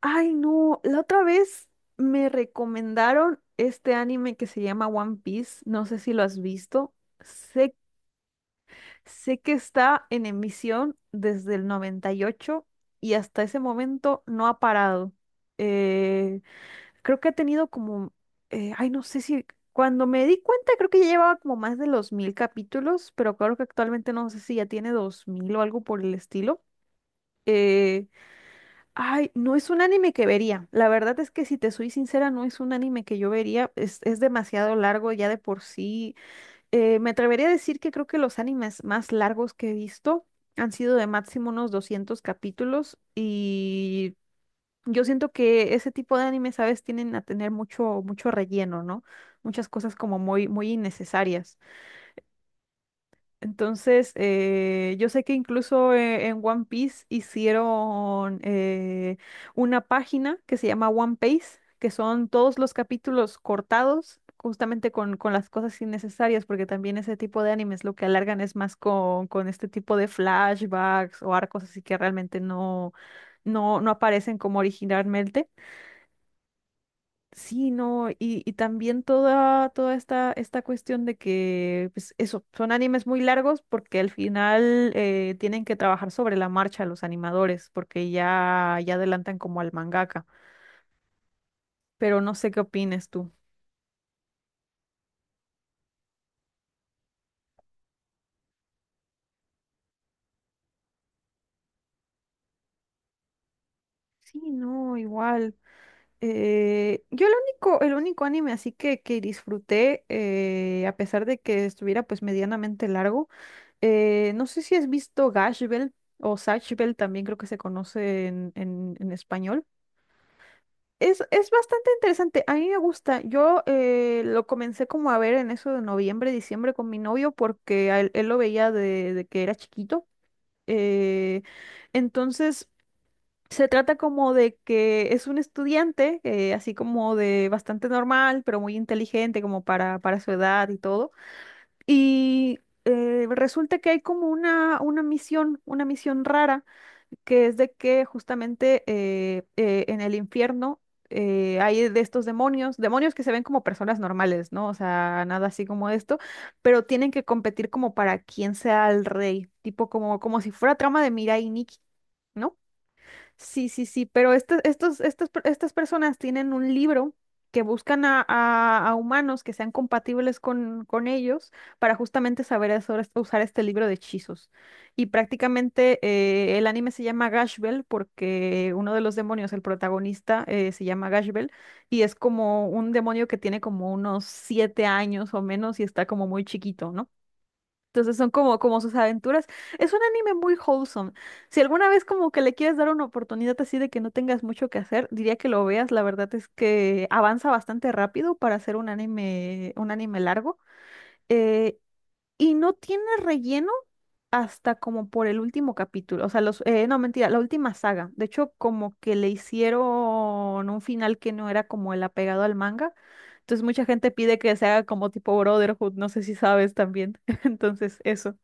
Ay, no, la otra vez me recomendaron este anime que se llama One Piece, no sé si lo has visto. Sé, sé que está en emisión desde el 98 y hasta ese momento no ha parado. Eh, Creo que ha tenido como, ay, no sé si, cuando me di cuenta creo que ya llevaba como más de los 1.000 capítulos, pero creo que actualmente no sé si ya tiene 2.000 o algo por el estilo. Eh, Ay, no es un anime que vería. La verdad es que si te soy sincera, no es un anime que yo vería. Es demasiado largo ya de por sí. Me atrevería a decir que creo que los animes más largos que he visto han sido de máximo unos 200 capítulos, y yo siento que ese tipo de animes, ¿sabes? Tienen a tener mucho, mucho relleno, ¿no? Muchas cosas como muy, muy innecesarias. Entonces, yo sé que incluso en One Piece hicieron una página que se llama One Piece, que son todos los capítulos cortados, justamente con las cosas innecesarias, porque también ese tipo de animes lo que alargan es más con este tipo de flashbacks o arcos así que realmente no aparecen como originalmente. Sí, no, y también toda esta cuestión de que, pues eso, son animes muy largos porque al final tienen que trabajar sobre la marcha los animadores, porque ya adelantan como al mangaka. Pero no sé qué opines tú. Sí, no, igual. Yo el único anime así que disfruté, a pesar de que estuviera pues medianamente largo, no sé si has visto Gash Bell o Zatch Bell, también creo que se conoce en español. Es bastante interesante, a mí me gusta. Yo lo comencé como a ver en eso de noviembre, diciembre con mi novio porque él lo veía de que era chiquito. Eh, entonces, se trata como de que es un estudiante, así como de bastante normal, pero muy inteligente como para su edad y todo. Y resulta que hay como una misión rara que es de que justamente en el infierno hay de estos demonios, demonios que se ven como personas normales, ¿no? O sea, nada así como esto, pero tienen que competir como para quién sea el rey, tipo como si fuera trama de Mirai y Nikki, ¿no? Sí, sí, sí, pero estas personas tienen un libro que buscan a humanos que sean compatibles con ellos para justamente saber usar este libro de hechizos. Y prácticamente el anime se llama Gash Bell porque uno de los demonios, el protagonista, se llama Gash Bell, y es como un demonio que tiene como unos 7 años o menos y está como muy chiquito, ¿no? Entonces son como sus aventuras. Es un anime muy wholesome. Si alguna vez como que le quieres dar una oportunidad así de que no tengas mucho que hacer, diría que lo veas. La verdad es que avanza bastante rápido para hacer un anime largo. eh, y no tiene relleno hasta como por el último capítulo. O sea, no, mentira, la última saga. De hecho, como que le hicieron un final que no era como el apegado al manga. Entonces mucha gente pide que se haga como tipo Brotherhood. No sé si sabes también. Entonces, eso.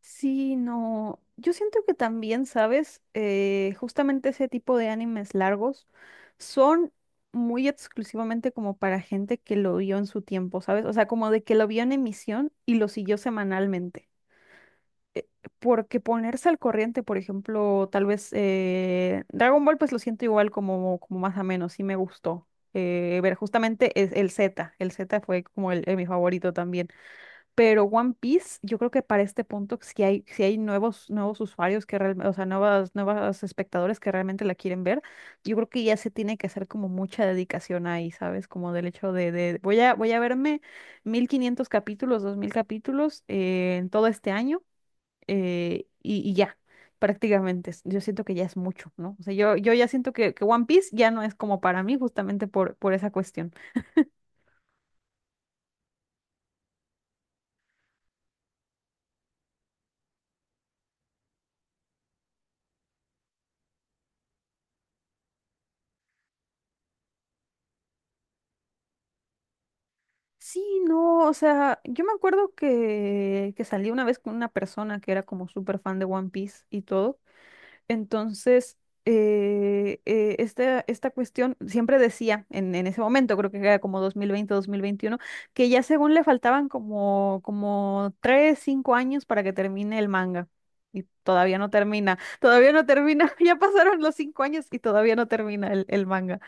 Sí, no. Yo siento que también, ¿sabes? Justamente ese tipo de animes largos son muy exclusivamente como para gente que lo vio en su tiempo, ¿sabes? O sea, como de que lo vio en emisión y lo siguió semanalmente. Porque ponerse al corriente, por ejemplo, tal vez Dragon Ball, pues lo siento igual como más ameno, sí me gustó. Ver justamente el Z fue como el mi favorito también. Pero One Piece, yo creo que para este punto si hay nuevos usuarios que realmente, o sea, nuevas espectadores que realmente la quieren ver, yo creo que ya se tiene que hacer como mucha dedicación ahí, ¿sabes? Como del hecho de voy a verme 1.500 capítulos, 2.000 capítulos en todo este año, y ya, prácticamente. Yo siento que ya es mucho, ¿no? O sea, yo ya siento que One Piece ya no es como para mí justamente por esa cuestión. Sí, no, o sea, yo me acuerdo que salí una vez con una persona que era como súper fan de One Piece y todo. Entonces, esta cuestión siempre decía, en ese momento, creo que era como 2020 2021, que ya según le faltaban como 3 5 años para que termine el manga. Y todavía no termina, ya pasaron los 5 años y todavía no termina el manga.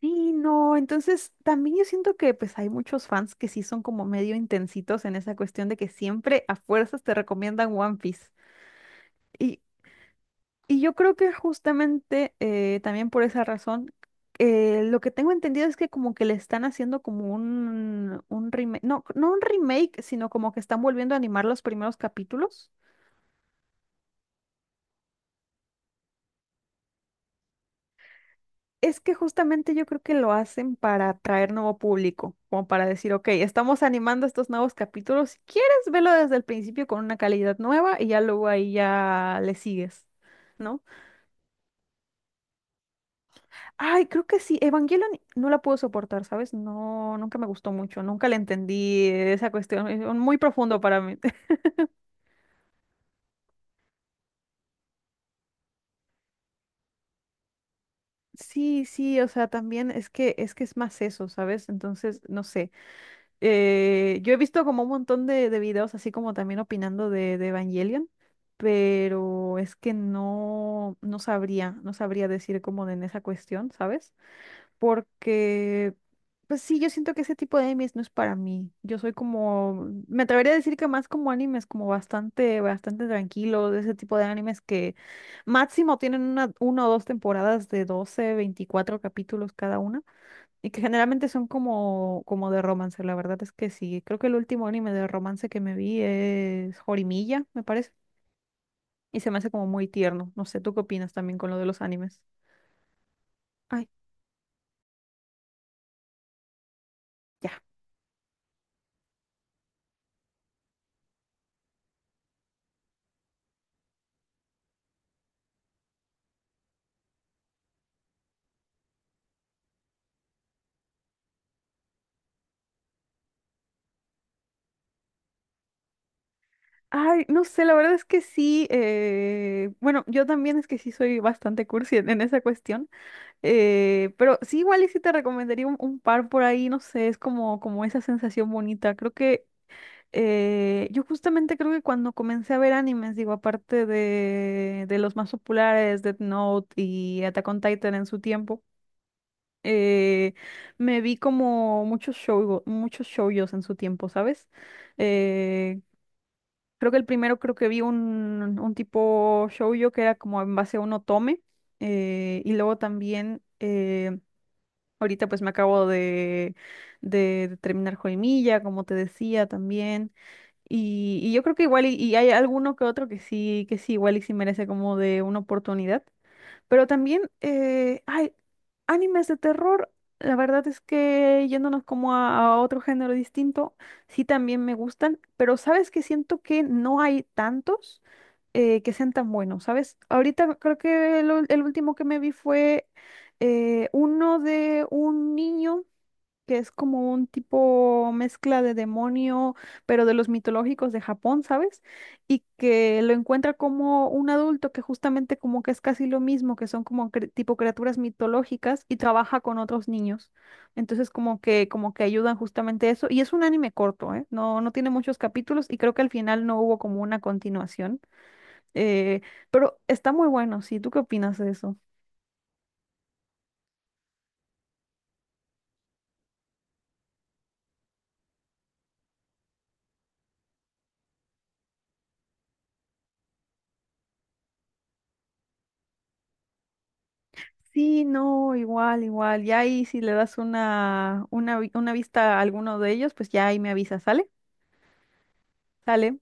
Sí, no, entonces también yo siento que pues hay muchos fans que sí son como medio intensitos en esa cuestión de que siempre a fuerzas te recomiendan One Piece. Y, y yo creo que justamente también por esa razón, lo que tengo entendido es que como que le están haciendo como un remake, no, no un remake, sino como que están volviendo a animar los primeros capítulos. Es que justamente yo creo que lo hacen para atraer nuevo público, como para decir, ok, estamos animando estos nuevos capítulos. Si quieres, velo desde el principio con una calidad nueva y ya luego ahí ya le sigues, ¿no? Ay, creo que sí, Evangelion no la puedo soportar, ¿sabes? No, nunca me gustó mucho, nunca le entendí esa cuestión, es muy profundo para mí. Sí, sí, o sea, también es que es más eso, ¿sabes? Entonces, no sé. Yo he visto como un montón de videos así como también opinando de Evangelion, pero es que no sabría decir como en esa cuestión, ¿sabes? Porque, pues sí, yo siento que ese tipo de animes no es para mí. Yo soy como, me atrevería a decir que más como animes como bastante, bastante tranquilos, de ese tipo de animes que máximo tienen una o dos temporadas de 12 24 capítulos cada una. Y que generalmente son como de romance, la verdad es que sí. Creo que el último anime de romance que me vi es Horimiya, me parece. Y se me hace como muy tierno. No sé, ¿tú qué opinas también con lo de los animes? Ay, ya. Ay, no sé, la verdad es que sí. Bueno, yo también es que sí soy bastante cursi en esa cuestión. Pero sí, igual y sí te recomendaría un par por ahí, no sé, es como esa sensación bonita. Creo que yo justamente creo que cuando comencé a ver animes, digo, aparte de los más populares, Death Note y Attack on Titan en su tiempo, eh, me vi como muchos shoujos en su tiempo, ¿sabes? Eh, Creo que el primero creo que vi un tipo shoujo que era como en base a un otome, y luego también ahorita pues me acabo de terminar Joemilla, como te decía también. Y yo creo que igual y hay alguno que otro que sí, igual y sí merece como de una oportunidad. Pero también, ay, animes de terror, la verdad es que yéndonos como a otro género distinto, sí también me gustan, pero sabes que siento que no hay tantos que sean tan buenos, ¿sabes? Ahorita creo que el último que me vi fue uno de un niño que es como un tipo mezcla de demonio, pero de los mitológicos de Japón, ¿sabes? Y que lo encuentra como un adulto que justamente como que es casi lo mismo, que son como tipo criaturas mitológicas y trabaja con otros niños. Entonces como que ayudan justamente eso, y es un anime corto, ¿eh? No tiene muchos capítulos y creo que al final no hubo como una continuación. Eh, pero está muy bueno, sí. ¿Tú qué opinas de eso? Sí, no, igual, igual. Ya ahí si le das una vista a alguno de ellos, pues ya ahí me avisa, ¿sale? Sale.